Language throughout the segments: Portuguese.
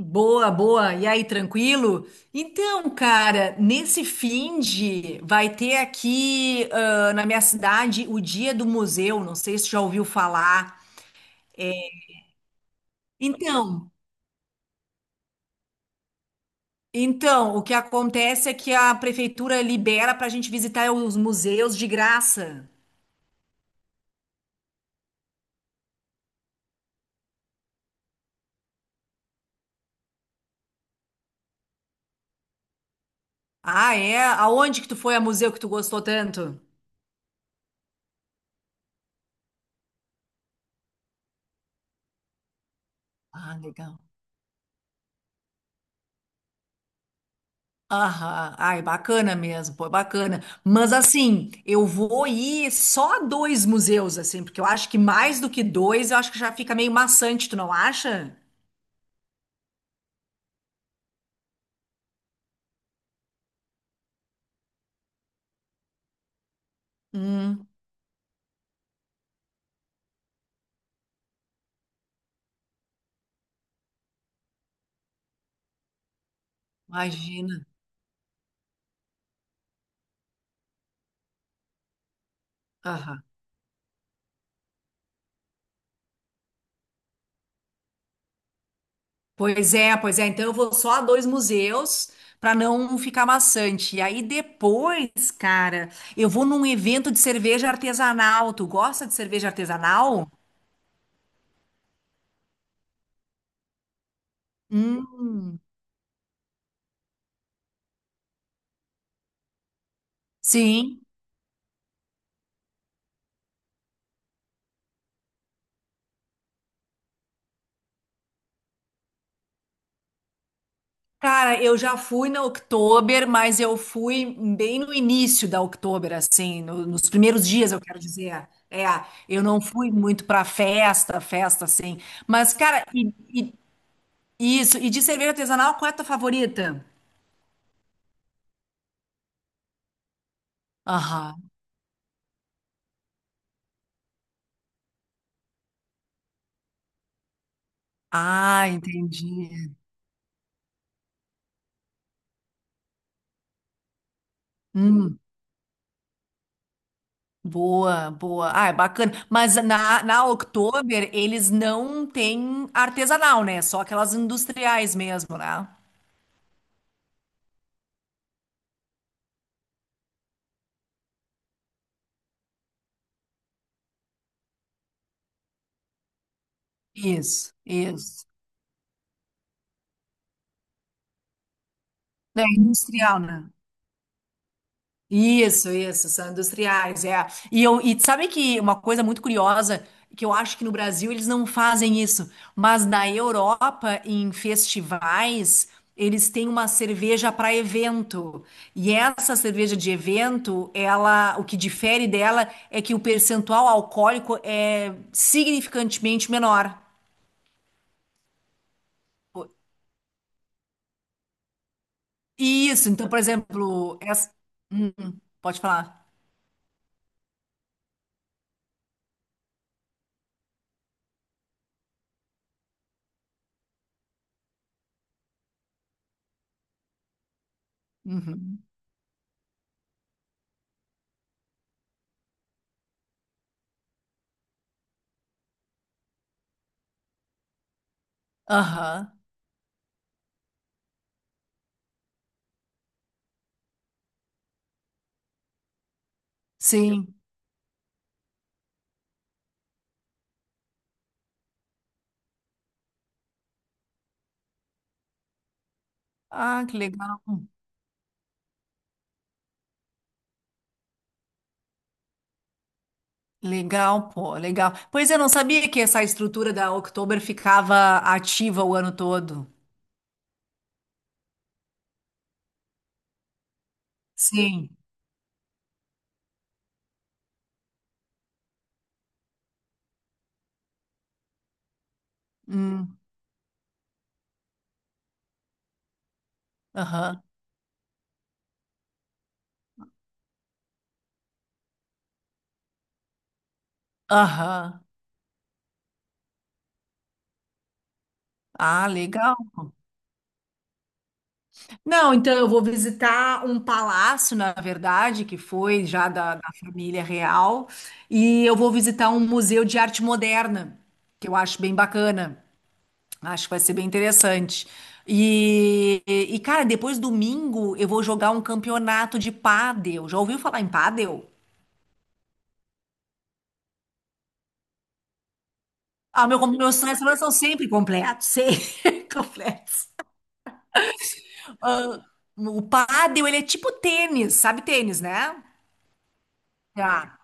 Boa, boa. E aí, tranquilo? Então, cara, nesse fim de vai ter aqui na minha cidade o Dia do Museu. Não sei se já ouviu falar. É, Então, então, o que acontece é que a prefeitura libera para a gente visitar os museus de graça. Ah, é? Aonde que tu foi a museu que tu gostou tanto? Ah, legal. Aham, ai, bacana mesmo, pô, bacana. Mas assim, eu vou ir só a dois museus, assim, porque eu acho que mais do que dois, eu acho que já fica meio maçante, tu não acha? Hum, imagina. Aham. Pois é, pois é. Então eu vou só a dois museus para não ficar maçante. E aí depois, cara, eu vou num evento de cerveja artesanal. Tu gosta de cerveja artesanal? Hum, sim. Cara, eu já fui na Oktober, mas eu fui bem no início da Oktober, assim, nos primeiros dias, eu quero dizer. É, eu não fui muito pra festa, festa, assim. Mas, cara, isso, e de cerveja artesanal, qual é a tua favorita? Aham. Ah, entendi. Hum, boa, boa. Ah, é bacana. Mas na Oktober, eles não têm artesanal, né? É só aquelas industriais mesmo, né? Isso, isso. É industrial, né? Isso, são industriais, é. E sabe que uma coisa muito curiosa, que eu acho que no Brasil eles não fazem isso, mas na Europa, em festivais, eles têm uma cerveja para evento. E essa cerveja de evento, ela, o que difere dela é que o percentual alcoólico é significantemente menor. Isso, então, por exemplo, essa... Hum, pode falar. Uhum. Aham, Sim. Ah, que legal. Legal, pô, legal. Pois eu não sabia que essa estrutura da Oktober ficava ativa o ano todo. Sim. Hum. Aham. Aham. Ah, legal. Não, então eu vou visitar um palácio, na verdade, que foi já da família real, e eu vou visitar um museu de arte moderna, que eu acho bem bacana. Acho que vai ser bem interessante. Cara, depois domingo eu vou jogar um campeonato de pádel. Já ouviu falar em pádel? Ah, meu, meus sonhos são sempre completos, sempre completos. Ah, o pádel, ele é tipo tênis, sabe tênis, né? Tá.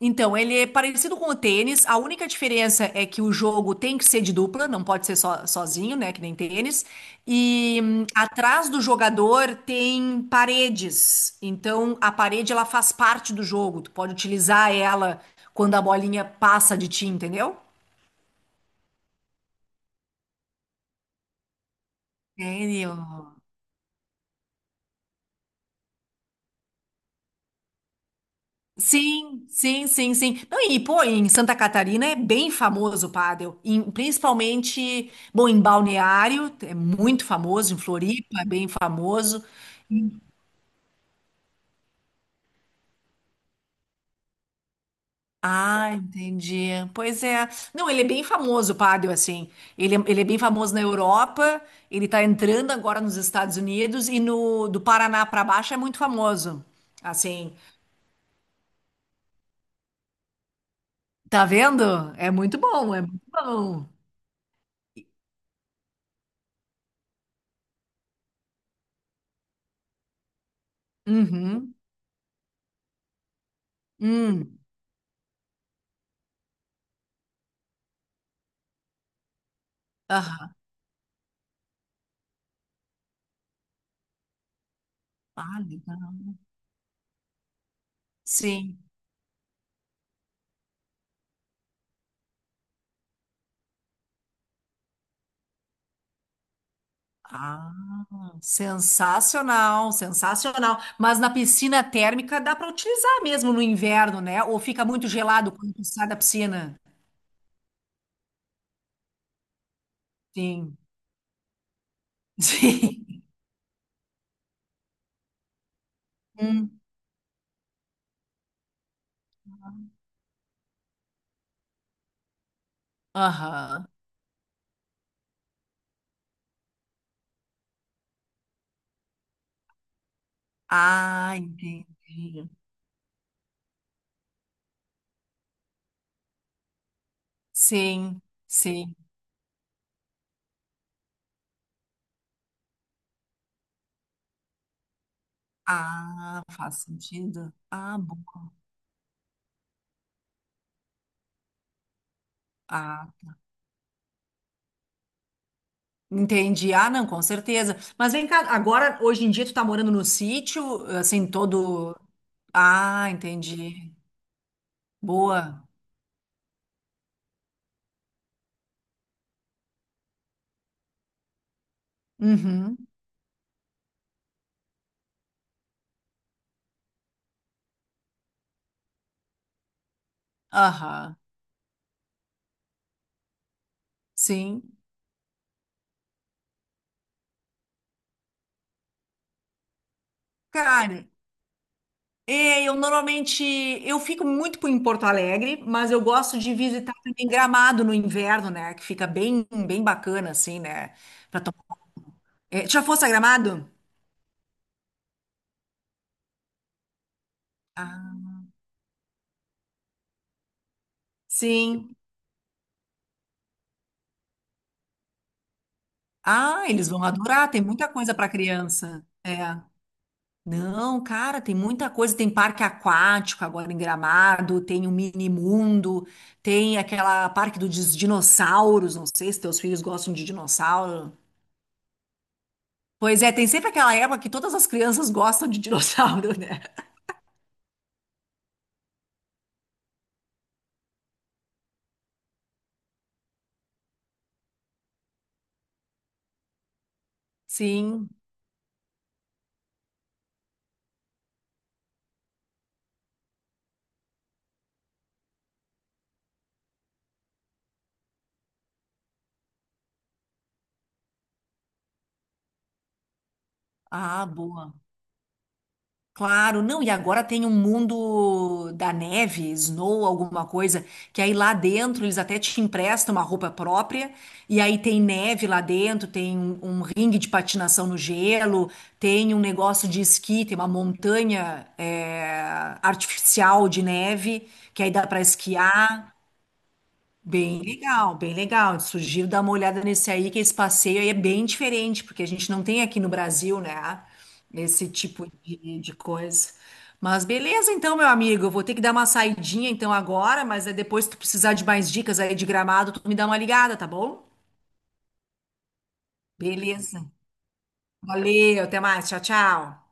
Então, ele é parecido com o tênis, a única diferença é que o jogo tem que ser de dupla, não pode ser só, sozinho, né, que nem tênis. E atrás do jogador tem paredes, então a parede ela faz parte do jogo, tu pode utilizar ela quando a bolinha passa de ti, entendeu? Entendeu? Sim, sim, sim, sim. Não, e, pô, em Santa Catarina é bem famoso o pádel, principalmente, bom, em Balneário, é muito famoso, em Floripa é bem famoso. Ah, entendi. Pois é. Não, ele é bem famoso o pádel, assim. Ele é bem famoso na Europa, ele tá entrando agora nos Estados Unidos e no do Paraná pra baixo é muito famoso. Assim, tá vendo? É muito bom, é muito bom. Uhum. Hum. Aham. Ah, legal. Sim. Ah, sensacional, sensacional. Mas na piscina térmica dá para utilizar mesmo no inverno, né? Ou fica muito gelado quando tu sai da piscina? Sim, sim. Hum, Aham. Ah, entendi. Sim, sim. Ah, faz sentido. Ah, bom. Ah, entendi. Ah, não, com certeza. Mas vem cá, agora, hoje em dia, tu tá morando no sítio, assim, todo. Ah, entendi. Boa. Uhum. Aham, sim. Cara, é, eu normalmente eu fico muito em Porto Alegre, mas eu gosto de visitar também Gramado no inverno, né? Que fica bem, bem bacana, assim, né? Pra tomar... É, já fosse a Gramado? Ah, sim. Ah, eles vão adorar, tem muita coisa para criança. É. Não, cara, tem muita coisa. Tem parque aquático agora em Gramado, tem o Mini Mundo, tem aquela parque dos dinossauros. Não sei se teus filhos gostam de dinossauro. Pois é, tem sempre aquela época que todas as crianças gostam de dinossauro, né? Sim. Ah, boa. Claro, não, e agora tem um mundo da neve, snow, alguma coisa, que aí lá dentro eles até te emprestam uma roupa própria, e aí tem neve lá dentro, tem um ringue de patinação no gelo, tem um negócio de esqui, tem uma montanha artificial de neve, que aí dá para esquiar. Bem legal, bem legal. Sugiro dar uma olhada nesse aí, que esse passeio aí é bem diferente, porque a gente não tem aqui no Brasil, né? Esse tipo de coisa. Mas beleza, então, meu amigo, eu vou ter que dar uma saidinha então agora, mas aí depois se tu precisar de mais dicas aí de Gramado, tu me dá uma ligada, tá bom? Beleza. Valeu, até mais. Tchau, tchau.